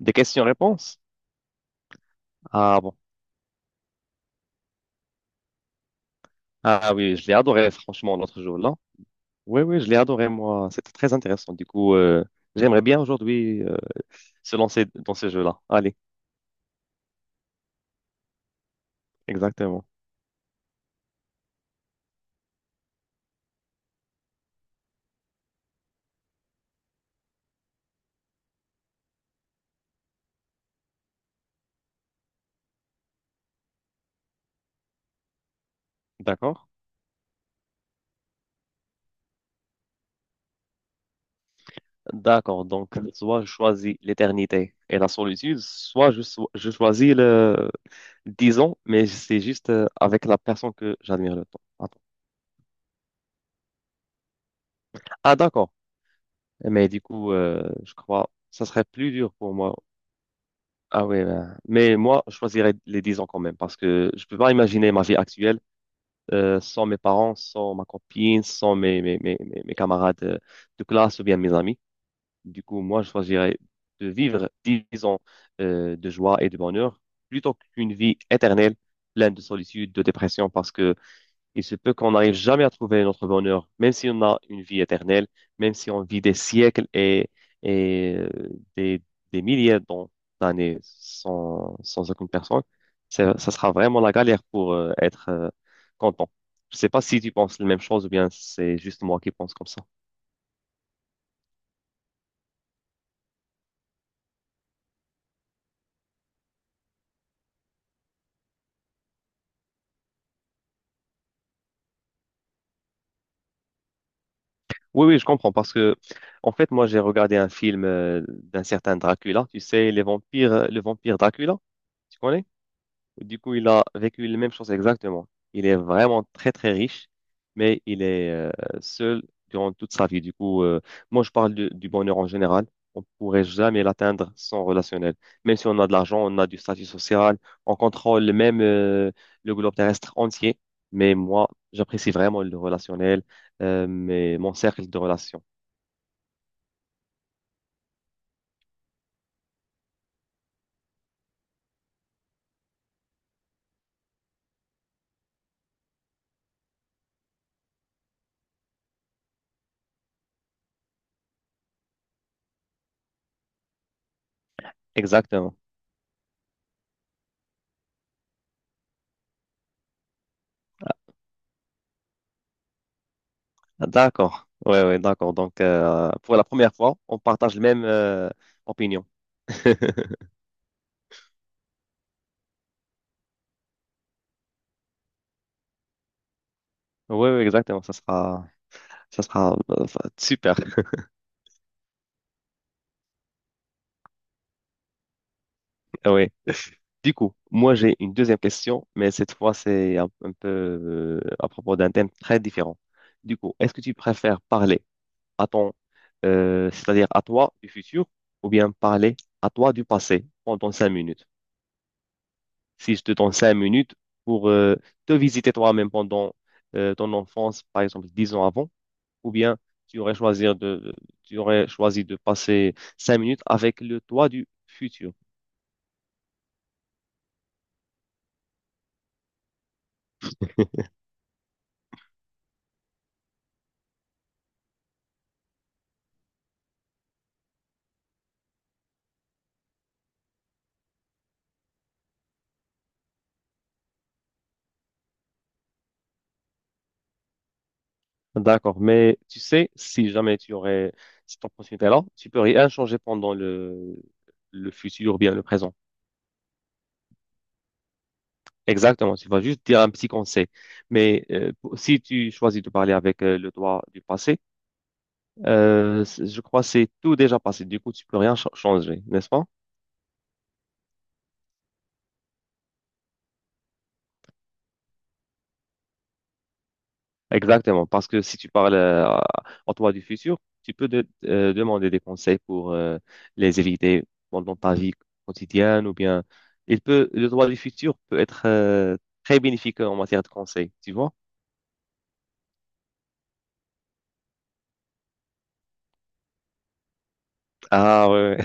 Des questions-réponses? Ah bon. Ah oui, je l'ai adoré, franchement, l'autre jour, là. Oui, oui, je l'ai adoré, moi. C'était très intéressant. Du coup, j'aimerais bien aujourd'hui se lancer dans ce jeu-là. Allez, exactement. D'accord? D'accord. Donc, soit je choisis l'éternité et la solitude, soit je choisis le 10 ans, mais c'est juste avec la personne que j'admire le temps. Attends. Ah, d'accord. Eh, mais du coup, je crois que ça serait plus dur pour moi. Ah oui, ben, mais moi, je choisirais les 10 ans quand même, parce que je peux pas imaginer ma vie actuelle sans mes parents, sans ma copine, sans mes camarades de classe ou bien mes amis. Du coup, moi, je choisirais de vivre 10 ans de joie et de bonheur plutôt qu'une vie éternelle pleine de solitude, de dépression, parce que il se peut qu'on n'arrive jamais à trouver notre bonheur, même si on a une vie éternelle, même si on vit des siècles et euh, des, des milliers d'années sans aucune personne. Ça sera vraiment la galère pour être content. Je sais pas si tu penses la même chose ou bien c'est juste moi qui pense comme ça. Oui, oui, je comprends parce que, en fait, moi, j'ai regardé un film d'un certain Dracula. Tu sais, les vampires, le vampire Dracula, tu connais? Du coup, il a vécu les mêmes choses exactement. Il est vraiment très, très riche, mais il est seul durant toute sa vie. Du coup, moi, je parle du bonheur en général. On pourrait jamais l'atteindre sans relationnel. Même si on a de l'argent, on a du statut social, on contrôle même le globe terrestre entier. Mais moi, j'apprécie vraiment le relationnel, mais mon cercle de relations. Exactement. Ah, d'accord. Ouais, ouais, d'accord. Donc, pour la première fois, on partage la même opinion. Oui, oui, exactement. Ça sera super. Oui. Du coup, moi, j'ai une deuxième question, mais cette fois, c'est un peu à propos d'un thème très différent. Du coup, est-ce que tu préfères parler à c'est-à-dire à toi du futur, ou bien parler à toi du passé pendant 5 minutes? Si je te donne 5 minutes pour te visiter toi-même pendant ton enfance, par exemple, 10 ans avant, ou bien tu aurais choisi de, de- tu aurais choisi de passer 5 minutes avec le toi du futur. D'accord, mais tu sais, si jamais tu aurais cette opportunité-là, tu peux rien changer pendant le futur ou bien le présent. Exactement, tu vas juste dire un petit conseil. Mais si tu choisis de parler avec le toi du passé, je crois que c'est tout déjà passé. Du coup, tu peux rien changer, n'est-ce pas? Exactement, parce que si tu parles en toi du futur, tu peux demander des conseils pour les éviter pendant ta vie quotidienne ou bien il peut le droit du futur peut être très bénéfique en matière de conseils, tu vois? Ah ouais.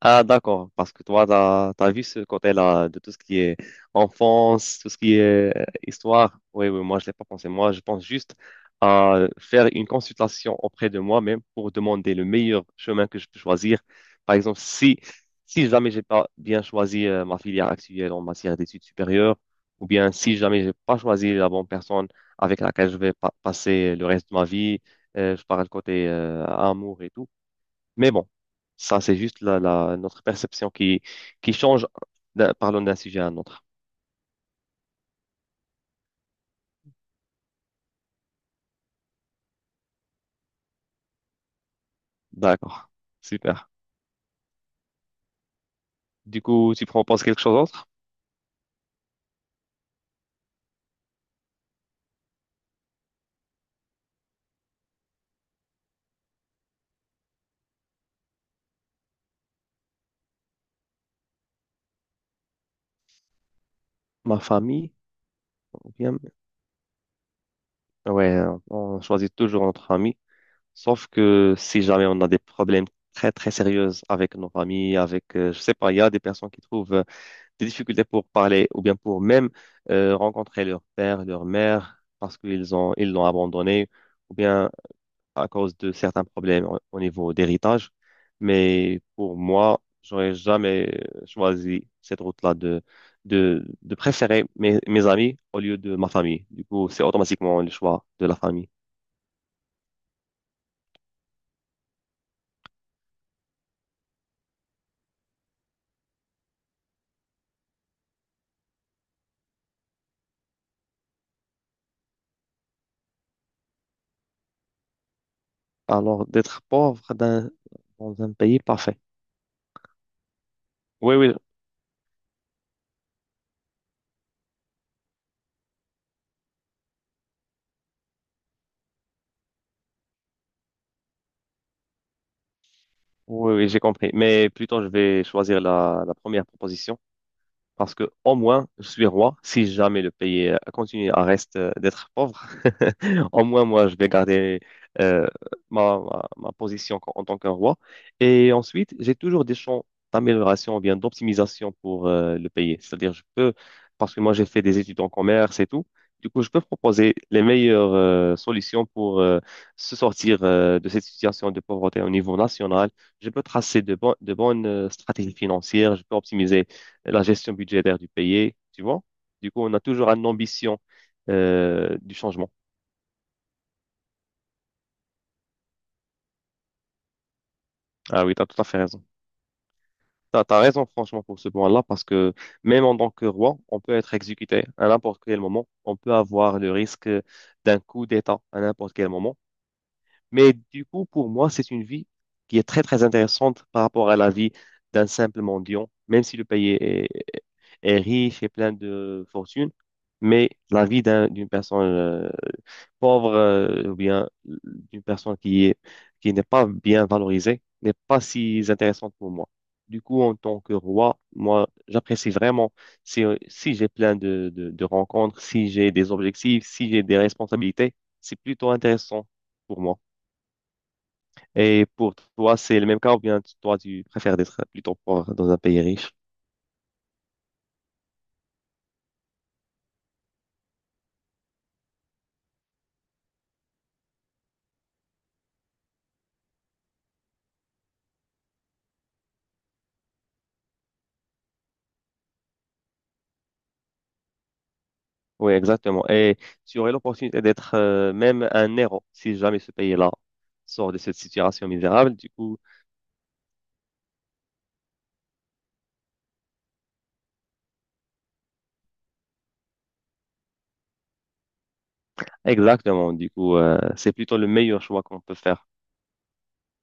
Ah, d'accord, parce que toi, t'as vu ce côté-là de tout ce qui est enfance, tout ce qui est histoire. Oui, oui, moi, je l'ai pas pensé. Moi, je pense juste à faire une consultation auprès de moi-même pour demander le meilleur chemin que je peux choisir. Par exemple, si jamais j'ai pas bien choisi ma filière actuelle en matière d'études supérieures, ou bien si jamais j'ai pas choisi la bonne personne avec laquelle je vais passer le reste de ma vie, je parle côté amour et tout. Mais bon, ça, c'est juste notre perception qui change parlant d'un sujet à un autre. D'accord. Super. Du coup, tu proposes quelque chose d'autre? Ma famille? Ou bien. Ouais, on choisit toujours notre famille. Sauf que si jamais on a des problèmes très, très sérieux avec nos familles, avec, je sais pas, il y a des personnes qui trouvent des difficultés pour parler ou bien pour même rencontrer leur père, leur mère, parce qu'ils ils l'ont abandonné, ou bien à cause de certains problèmes au niveau d'héritage. Mais pour moi, j'aurais jamais choisi cette route-là de préférer mes amis au lieu de ma famille. Du coup, c'est automatiquement le choix de la famille. Alors, dans un pays parfait. Oui, oui, oui, oui, j'ai compris. Mais plutôt, je vais choisir la première proposition. Parce que au moins, je suis roi. Si jamais le pays continue à reste d'être pauvre, au moins moi, je vais garder euh, ma position en tant qu'un roi. Et ensuite, j'ai toujours des champs d'amélioration ou bien d'optimisation pour le pays. C'est-à-dire, je peux, parce que moi, j'ai fait des études en commerce et tout. Du coup, je peux proposer les meilleures solutions pour se sortir de cette situation de pauvreté au niveau national. Je peux tracer de bonnes stratégies financières. Je peux optimiser la gestion budgétaire du pays, tu vois. Du coup, on a toujours une ambition du changement. Ah oui, tu as tout à fait raison. Tu as raison, franchement, pour ce point-là, parce que même en tant que roi, on peut être exécuté à n'importe quel moment. On peut avoir le risque d'un coup d'État à n'importe quel moment. Mais du coup, pour moi, c'est une vie qui est très, très intéressante par rapport à la vie d'un simple mendiant, même si le est riche et plein de fortune, mais la vie d'une personne pauvre ou bien d'une personne qui n'est pas bien valorisée n'est pas si intéressante pour moi. Du coup, en tant que roi, moi, j'apprécie vraiment si j'ai plein de rencontres, si j'ai des objectifs, si j'ai des responsabilités, c'est plutôt intéressant pour moi. Et pour toi, c'est le même cas ou bien toi, tu préfères d'être plutôt pauvre dans un pays riche? Oui, exactement. Et tu aurais l'opportunité d'être même un héros si jamais ce pays-là sort de cette situation misérable. Du coup, exactement. Du coup, c'est plutôt le meilleur choix qu'on peut faire.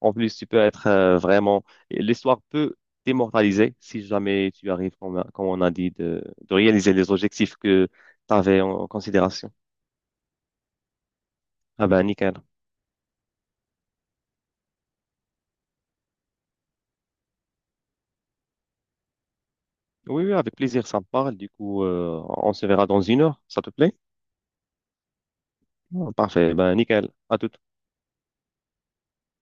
En plus, tu peux être vraiment... L'histoire peut t'immortaliser si jamais tu arrives, comme on a dit, de réaliser les objectifs que tu avais en considération. Ah ben, nickel. Oui, oui, avec plaisir, ça me parle. Du coup, on se verra dans une heure, ça te plaît? Parfait, ben nickel. À tout